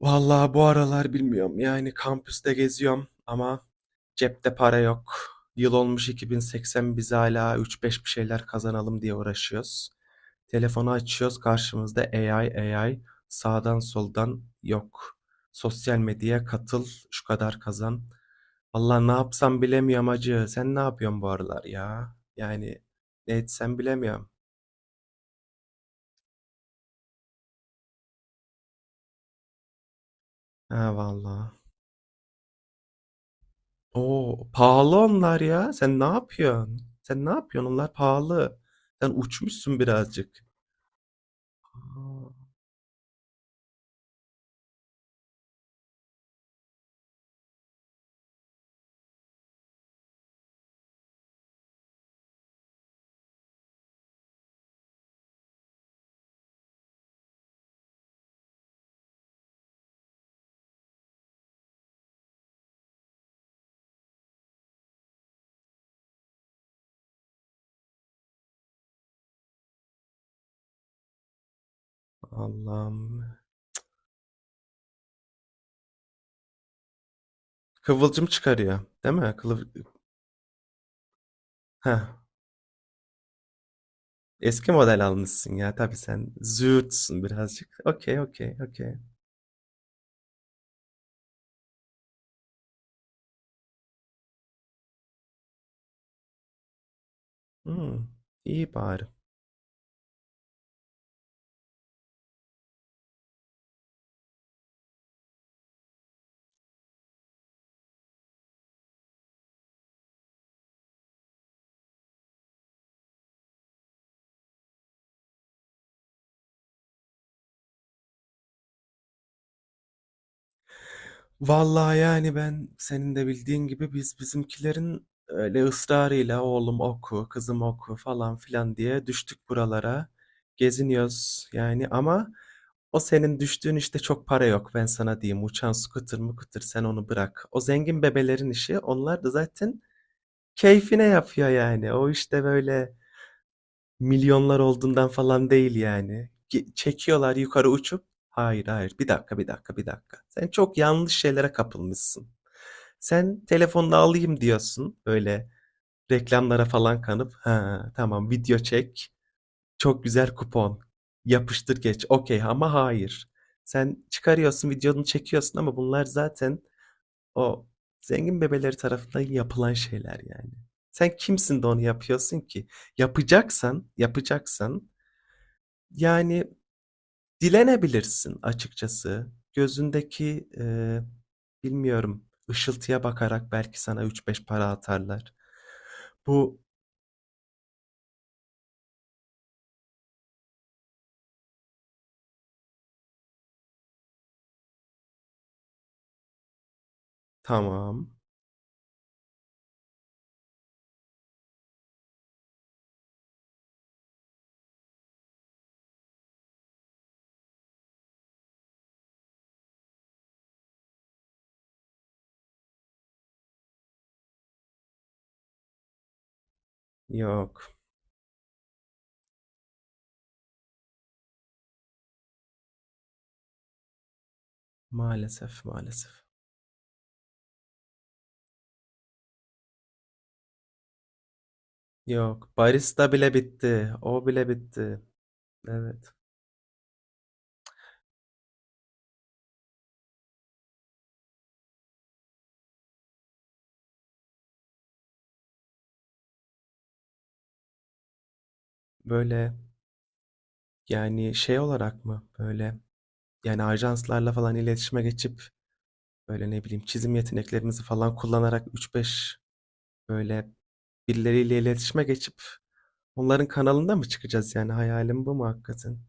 Vallahi bu aralar bilmiyorum. Yani kampüste geziyorum ama cepte para yok. Yıl olmuş 2080, biz hala 3-5 bir şeyler kazanalım diye uğraşıyoruz. Telefonu açıyoruz, karşımızda AI, AI sağdan soldan yok. Sosyal medyaya katıl, şu kadar kazan. Allah, ne yapsam bilemiyorum, acı. Sen ne yapıyorsun bu aralar ya? Yani ne etsem bilemiyorum. Ha vallahi. Oo, pahalı onlar ya. Sen ne yapıyorsun? Onlar pahalı. Sen uçmuşsun birazcık. A! Allah'ım. Kıvılcım çıkarıyor, değil mi? Heh, eski model almışsın ya. Tabii sen züğürtsün birazcık. Okay, okay. Hımm, iyi bari. Vallahi yani ben senin de bildiğin gibi biz bizimkilerin öyle ısrarıyla oğlum oku, kızım oku falan filan diye düştük buralara. Geziniyoruz yani, ama o senin düştüğün işte çok para yok, ben sana diyeyim. Uçan su kıtır mı kıtır, sen onu bırak. O zengin bebelerin işi, onlar da zaten keyfine yapıyor yani. O işte böyle milyonlar olduğundan falan değil yani. Çekiyorlar yukarı uçup. Hayır hayır, bir dakika bir dakika. Sen çok yanlış şeylere kapılmışsın. Sen telefonunu alayım diyorsun. Böyle reklamlara falan kanıp ha tamam, video çek. Çok güzel kupon. Yapıştır geç. Okey, ama hayır. Sen çıkarıyorsun, videonu çekiyorsun, ama bunlar zaten o zengin bebeleri tarafından yapılan şeyler yani. Sen kimsin de onu yapıyorsun ki? Yapacaksan yani dilenebilirsin açıkçası. Gözündeki, bilmiyorum, ışıltıya bakarak belki sana üç beş para atarlar. Bu tamam. Yok. Maalesef, maalesef. Yok. Barista bile bitti. O bile bitti. Evet. Böyle yani şey olarak mı? Böyle yani ajanslarla falan iletişime geçip, böyle ne bileyim çizim yeteneklerimizi falan kullanarak üç beş, böyle birileriyle iletişime geçip onların kanalında mı çıkacağız yani? Hayalim bu mu hakikaten?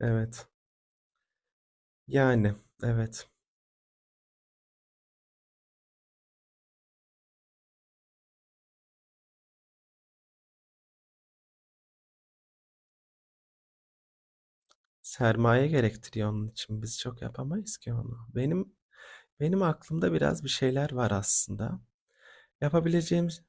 Evet. Yani evet. Sermaye gerektiriyor onun için. Biz çok yapamayız ki onu. Benim aklımda biraz bir şeyler var aslında. Yapabileceğimiz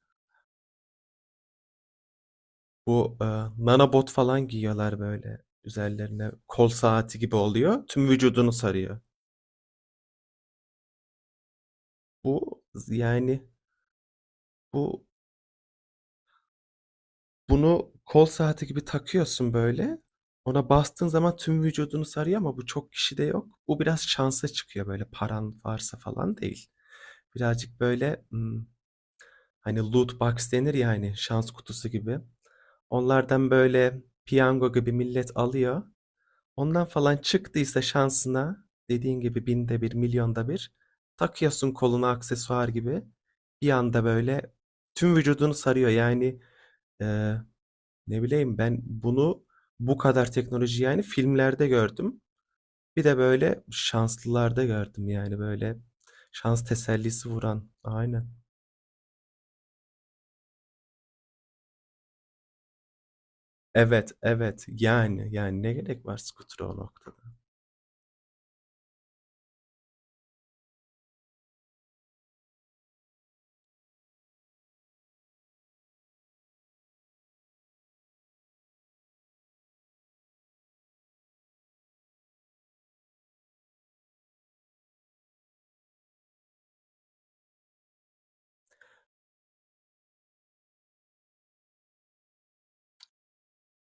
bu, nanobot falan giyiyorlar böyle üzerlerine, kol saati gibi oluyor. Tüm vücudunu sarıyor. Bu yani bu, bunu kol saati gibi takıyorsun böyle. Ona bastığın zaman tüm vücudunu sarıyor, ama bu çok kişide yok. Bu biraz şansa çıkıyor böyle, paran varsa falan değil. Birazcık böyle hani loot box denir ya, hani şans kutusu gibi. Onlardan böyle piyango gibi millet alıyor. Ondan falan çıktıysa şansına, dediğin gibi binde bir, milyonda bir, takıyorsun koluna aksesuar gibi. Bir anda böyle tüm vücudunu sarıyor. Yani e, ne bileyim ben bunu, bu kadar teknoloji yani filmlerde gördüm. Bir de böyle şanslılarda gördüm yani, böyle şans tesellisi vuran. Aynen. Evet, evet. Yani ne gerek var skutura o noktada?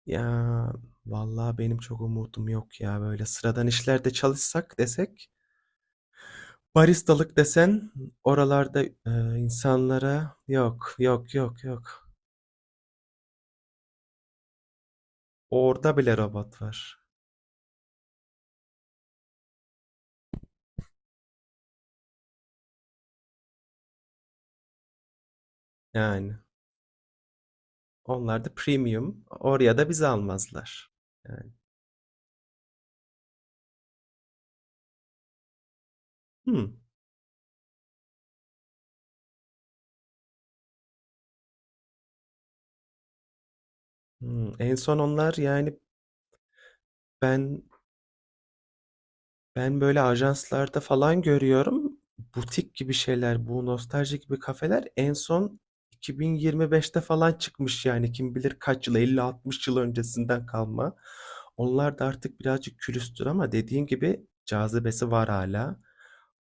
Ya vallahi benim çok umudum yok ya, böyle sıradan işlerde çalışsak desek, baristalık desen, oralarda insanlara yok, yok. Orada bile robot var. Yani. Onlar da premium. Oraya da bizi almazlar. Yani. Hmm. Hmm. En son onlar yani. Ben ben böyle ajanslarda falan görüyorum. Butik gibi şeyler, bu nostalji gibi kafeler en son 2025'te falan çıkmış, yani kim bilir kaç yıl, 50-60 yıl öncesinden kalma. Onlar da artık birazcık külüstür, ama dediğin gibi cazibesi var hala.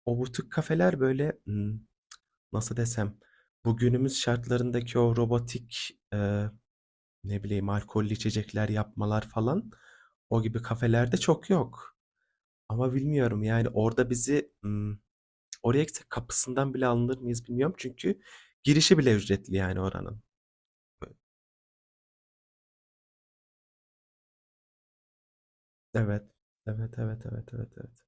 O butik kafeler böyle, hmm, nasıl desem, bugünümüz şartlarındaki o robotik, ne bileyim, alkollü içecekler yapmalar falan, o gibi kafelerde çok yok. Ama bilmiyorum yani, orada bizi, oraya gitsek kapısından bile alınır mıyız bilmiyorum, çünkü girişi bile ücretli yani, oranın. Evet. Evet.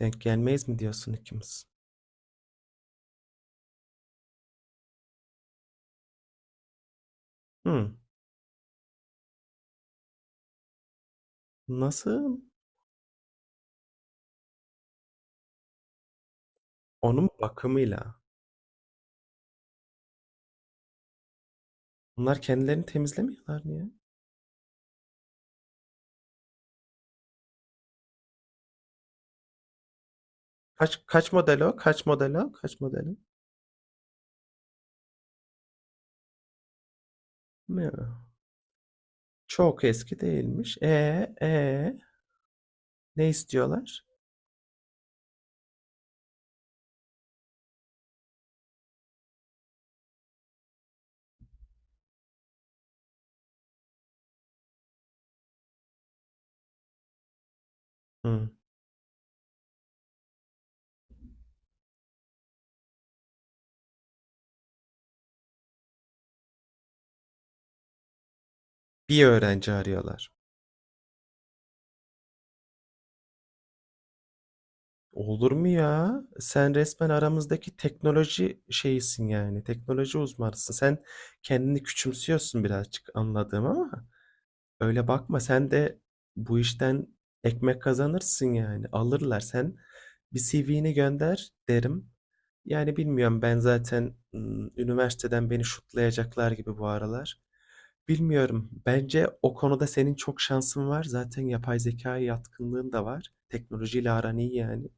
Denk gelmeyiz mi diyorsun ikimiz? Hımm. Nasıl? Onun bakımıyla. Bunlar kendilerini temizlemiyorlar mı ya? Kaç model o? Ne? Çok eski değilmiş. E, ne istiyorlar? Hıı. Bir öğrenci arıyorlar. Olur mu ya? Sen resmen aramızdaki teknoloji şeyisin yani. Teknoloji uzmanısın. Sen kendini küçümsüyorsun birazcık, anladığım ama. Öyle bakma, sen de bu işten ekmek kazanırsın yani. Alırlar. Sen bir CV'ni gönder derim. Yani bilmiyorum, ben zaten üniversiteden beni şutlayacaklar gibi bu aralar. Bilmiyorum. Bence o konuda senin çok şansın var. Zaten yapay zekaya yatkınlığın da var. Teknolojiyle aran iyi yani.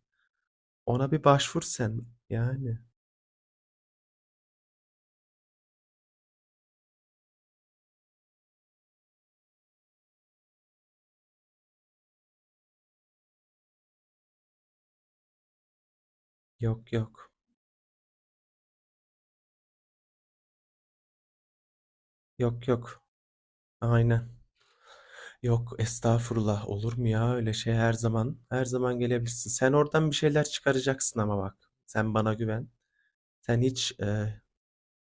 Ona bir başvur sen. Yani. Yok yok. Yok yok. Aynen. Yok estağfurullah, olur mu ya öyle şey, her zaman, gelebilirsin. Sen oradan bir şeyler çıkaracaksın, ama bak sen bana güven. Sen hiç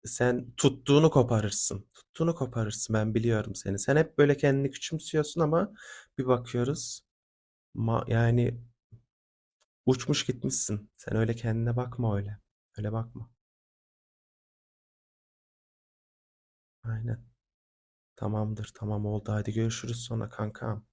sen tuttuğunu koparırsın. Tuttuğunu koparırsın, ben biliyorum seni. Sen hep böyle kendini küçümsüyorsun, ama bir bakıyoruz yani uçmuş gitmişsin. Sen öyle kendine bakma öyle. Öyle bakma. Aynen. Tamamdır, tamam oldu, hadi görüşürüz sonra kankam.